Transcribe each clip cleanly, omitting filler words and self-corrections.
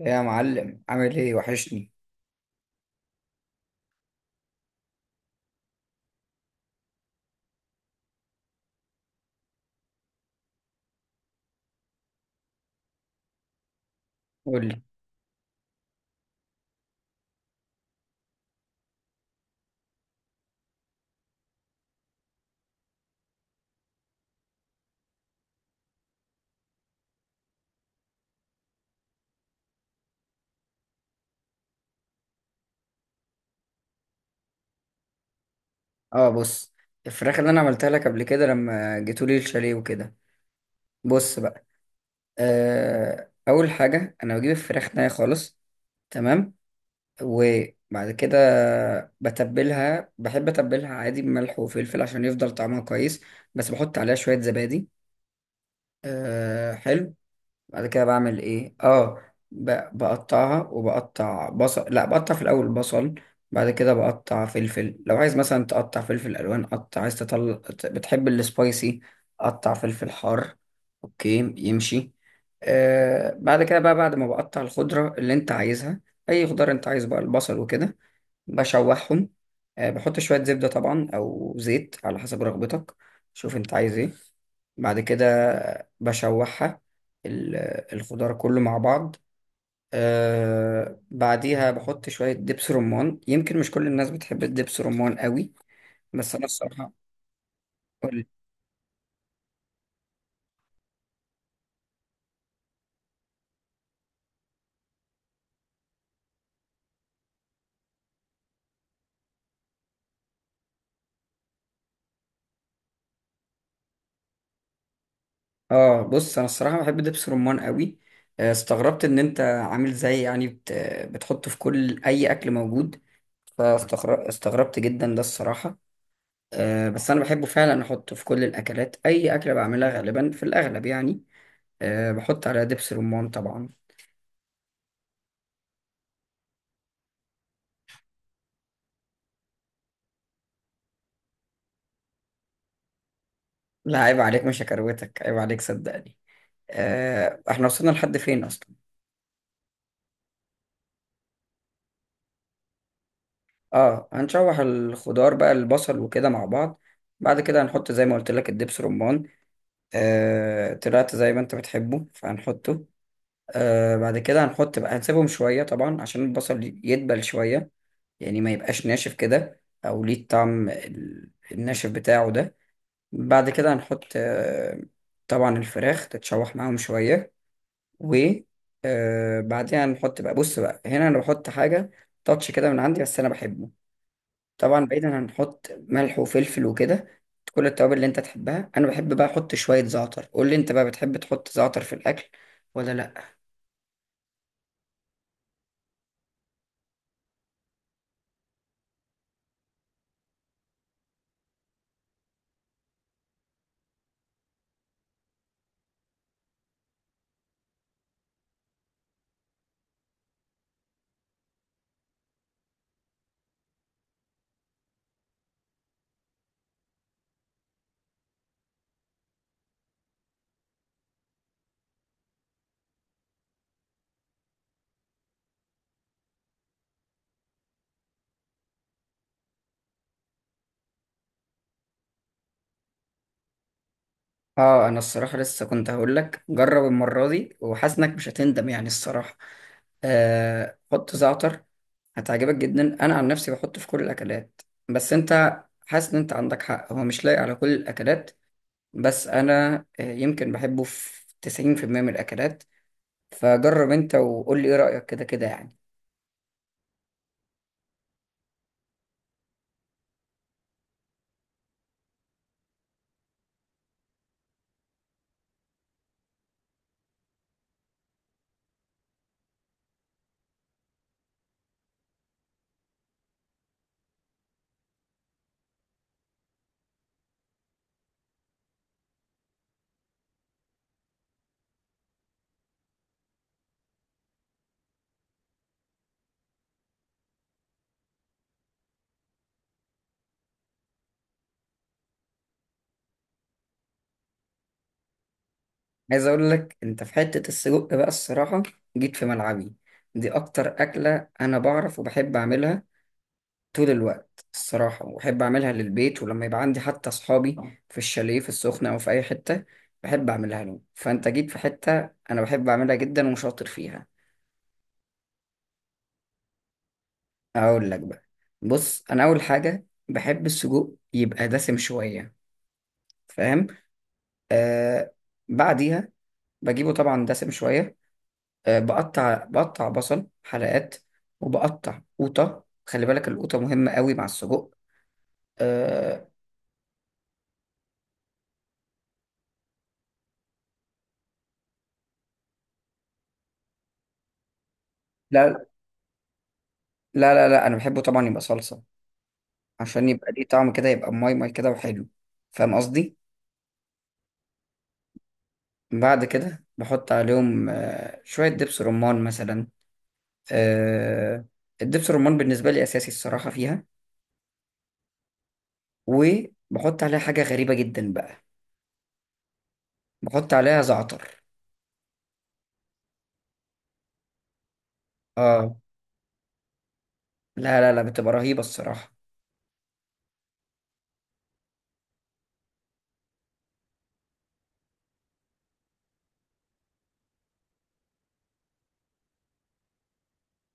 يا معلم، عامل ايه؟ وحشني. قول لي. اه، بص. الفراخ اللي انا عملتها لك قبل كده لما جيتولي الشاليه وكده، بص بقى. آه، اول حاجه انا بجيب الفراخ نيه خالص. تمام. وبعد كده بتبلها، بحب اتبلها عادي بملح وفلفل عشان يفضل طعمها كويس، بس بحط عليها شويه زبادي. آه، حلو. بعد كده بعمل ايه؟ اه، بقطعها وبقطع بصل، لا، بقطع في الاول بصل. بعد كده بقطع فلفل، لو عايز مثلا تقطع فلفل الوان قطع عايز تطلع. بتحب السبايسي؟ قطع فلفل حار. اوكي، يمشي. آه، بعد كده بقى بعد ما بقطع الخضرة اللي انت عايزها، اي خضار انت عايز بقى، البصل وكده، بشوحهم. بحط شوية زبدة طبعا أو زيت على حسب رغبتك. شوف أنت عايز إيه. بعد كده بشوحها، ال- الخضار كله مع بعض. آه، بعديها بحط شوية دبس رمان. يمكن مش كل الناس بتحب الدبس رمان قوي، بس أنا الصراحة. قولي. آه، بص، أنا الصراحة بحب دبس رمان قوي. آه، استغربت إن أنت عامل زي يعني بتحطه في كل أي أكل موجود، فاستغربت جدا ده الصراحة. بس انا بحبه، فعلا احطه في كل الاكلات، اي اكله بعملها غالبا في الاغلب يعني، أه، بحط عليها دبس رمان طبعا. لا، عيب عليك، مش هكروتك، عيب عليك صدقني. أه، احنا وصلنا لحد فين اصلا؟ اه، هنشوح الخضار بقى، البصل وكده مع بعض. بعد كده هنحط زي ما قلت لك الدبس رمان. أه، طلعت زي ما انت بتحبه فهنحطه. أه، بعد كده هنحط بقى، هنسيبهم شويه طبعا عشان البصل يدبل شويه، يعني ما يبقاش ناشف كده او ليه الطعم الناشف بتاعه ده. بعد كده هنحط طبعا الفراخ تتشوح معاهم شوية. وبعدين هنحط بقى، بص بقى هنا انا بحط حاجة تاتش كده من عندي بس انا بحبه. طبعا بعيدا هنحط ملح وفلفل وكده، كل التوابل اللي انت تحبها. انا بحب بقى احط شوية زعتر. قول لي انت بقى، بتحب تحط زعتر في الاكل ولا لا؟ اه، انا الصراحه لسه كنت هقول لك جرب المره دي، وحاسس انك مش هتندم يعني الصراحه. آه، حط زعتر. هتعجبك جدا. انا عن نفسي بحطه في كل الاكلات. بس انت حاسس ان انت عندك حق، هو مش لايق على كل الاكلات. بس انا يمكن بحبه في 90% من الاكلات. فجرب انت وقول لي ايه رايك، كده كده يعني. عايز اقول لك انت، في حته السجق بقى الصراحه، جيت في ملعبي. دي اكتر اكله انا بعرف وبحب اعملها طول الوقت الصراحة، وبحب أعملها للبيت ولما يبقى عندي حتى أصحابي في الشاليه في السخنة أو في أي حتة، بحب أعملها لهم. فأنت جيت في حتة أنا بحب أعملها جدا وشاطر فيها. أقول لك بقى. بص، أنا أول حاجة بحب السجق يبقى دسم شوية. فاهم؟ آه. بعديها بجيبه طبعا دسم شوية. آه، بقطع بصل حلقات، وبقطع قوطة. خلي بالك، القوطة مهمة قوي مع السجق. آه. لا، لا، لا، لا، أنا بحبه طبعا يبقى صلصة عشان يبقى ليه طعم كده، يبقى ماي ماي كده وحلو. فاهم قصدي؟ بعد كده بحط عليهم شوية دبس رمان مثلا. آه، الدبس رمان بالنسبة لي أساسي الصراحة فيها. وبحط عليها حاجة غريبة جدا بقى. بحط عليها زعتر. اه. لا، لا، لا، بتبقى رهيبة الصراحة.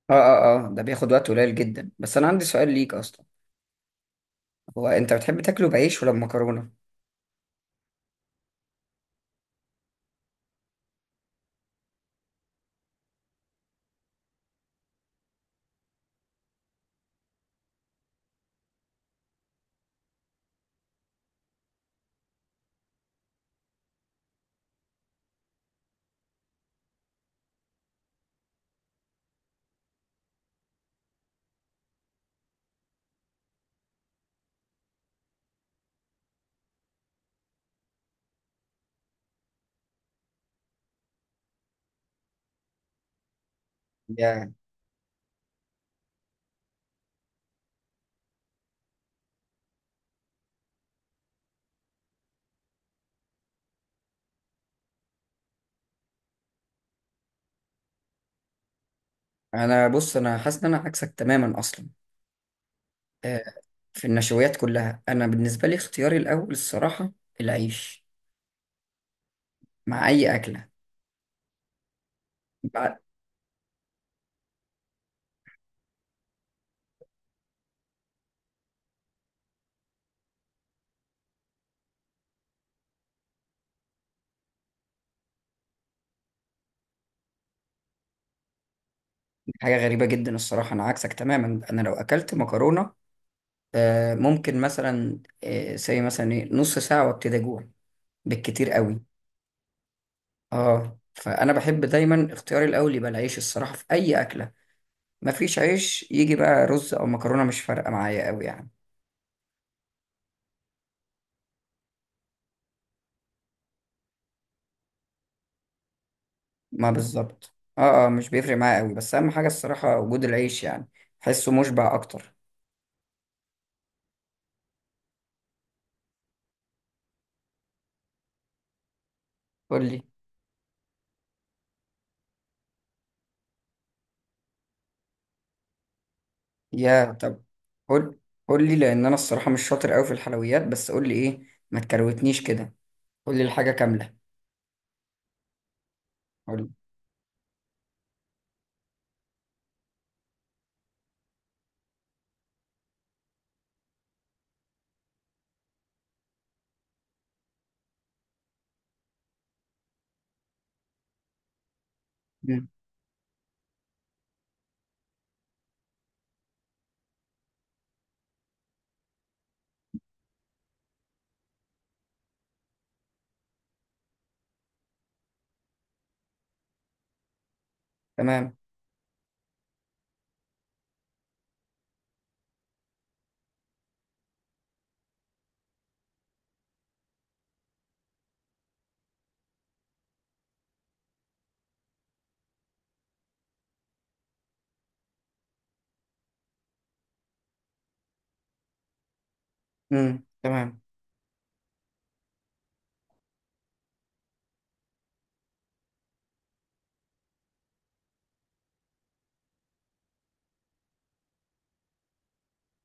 اه، اه، اه، ده بياخد وقت قليل جدا. بس أنا عندي سؤال ليك أصلا، هو أنت بتحب تاكله بعيش ولا بمكرونة؟ يعني أنا بص، أنا حاسس إن أنا عكسك تماما أصلا. في النشويات كلها انا بالنسبه لي اختياري الاول الصراحه العيش، مع اي اكله. بع- حاجه غريبه جدا الصراحه، انا عكسك تماما. انا لو اكلت مكرونه، ممكن مثلا زي مثلا ايه نص ساعه وابتدي اجوع بالكتير قوي. اه، فانا بحب دايما اختياري الاول يبقى العيش الصراحه في اي اكله. ما فيش عيش يجي بقى رز او مكرونه، مش فارقه معايا قوي يعني. ما بالظبط، اه اه، مش بيفرق معايا قوي، بس اهم حاجه الصراحه وجود العيش يعني. بحسه مشبع اكتر. قول لي. يا طب، قول قول لي لان انا الصراحه مش شاطر قوي في الحلويات، بس قول لي ايه، ما تكروتنيش كده، قول لي الحاجه كامله. قول لي. مم. تمام. مم. تمام.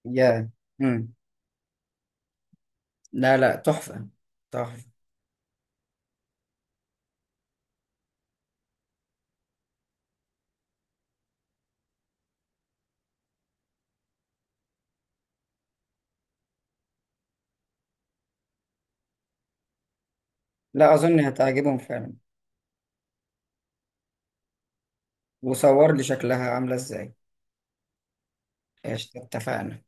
يا. مم. لا، لا، تحفه، تحفه. لا اظن هتعجبهم فعلا. وصور لي شكلها عامله ازاي. ايش اتفقنا؟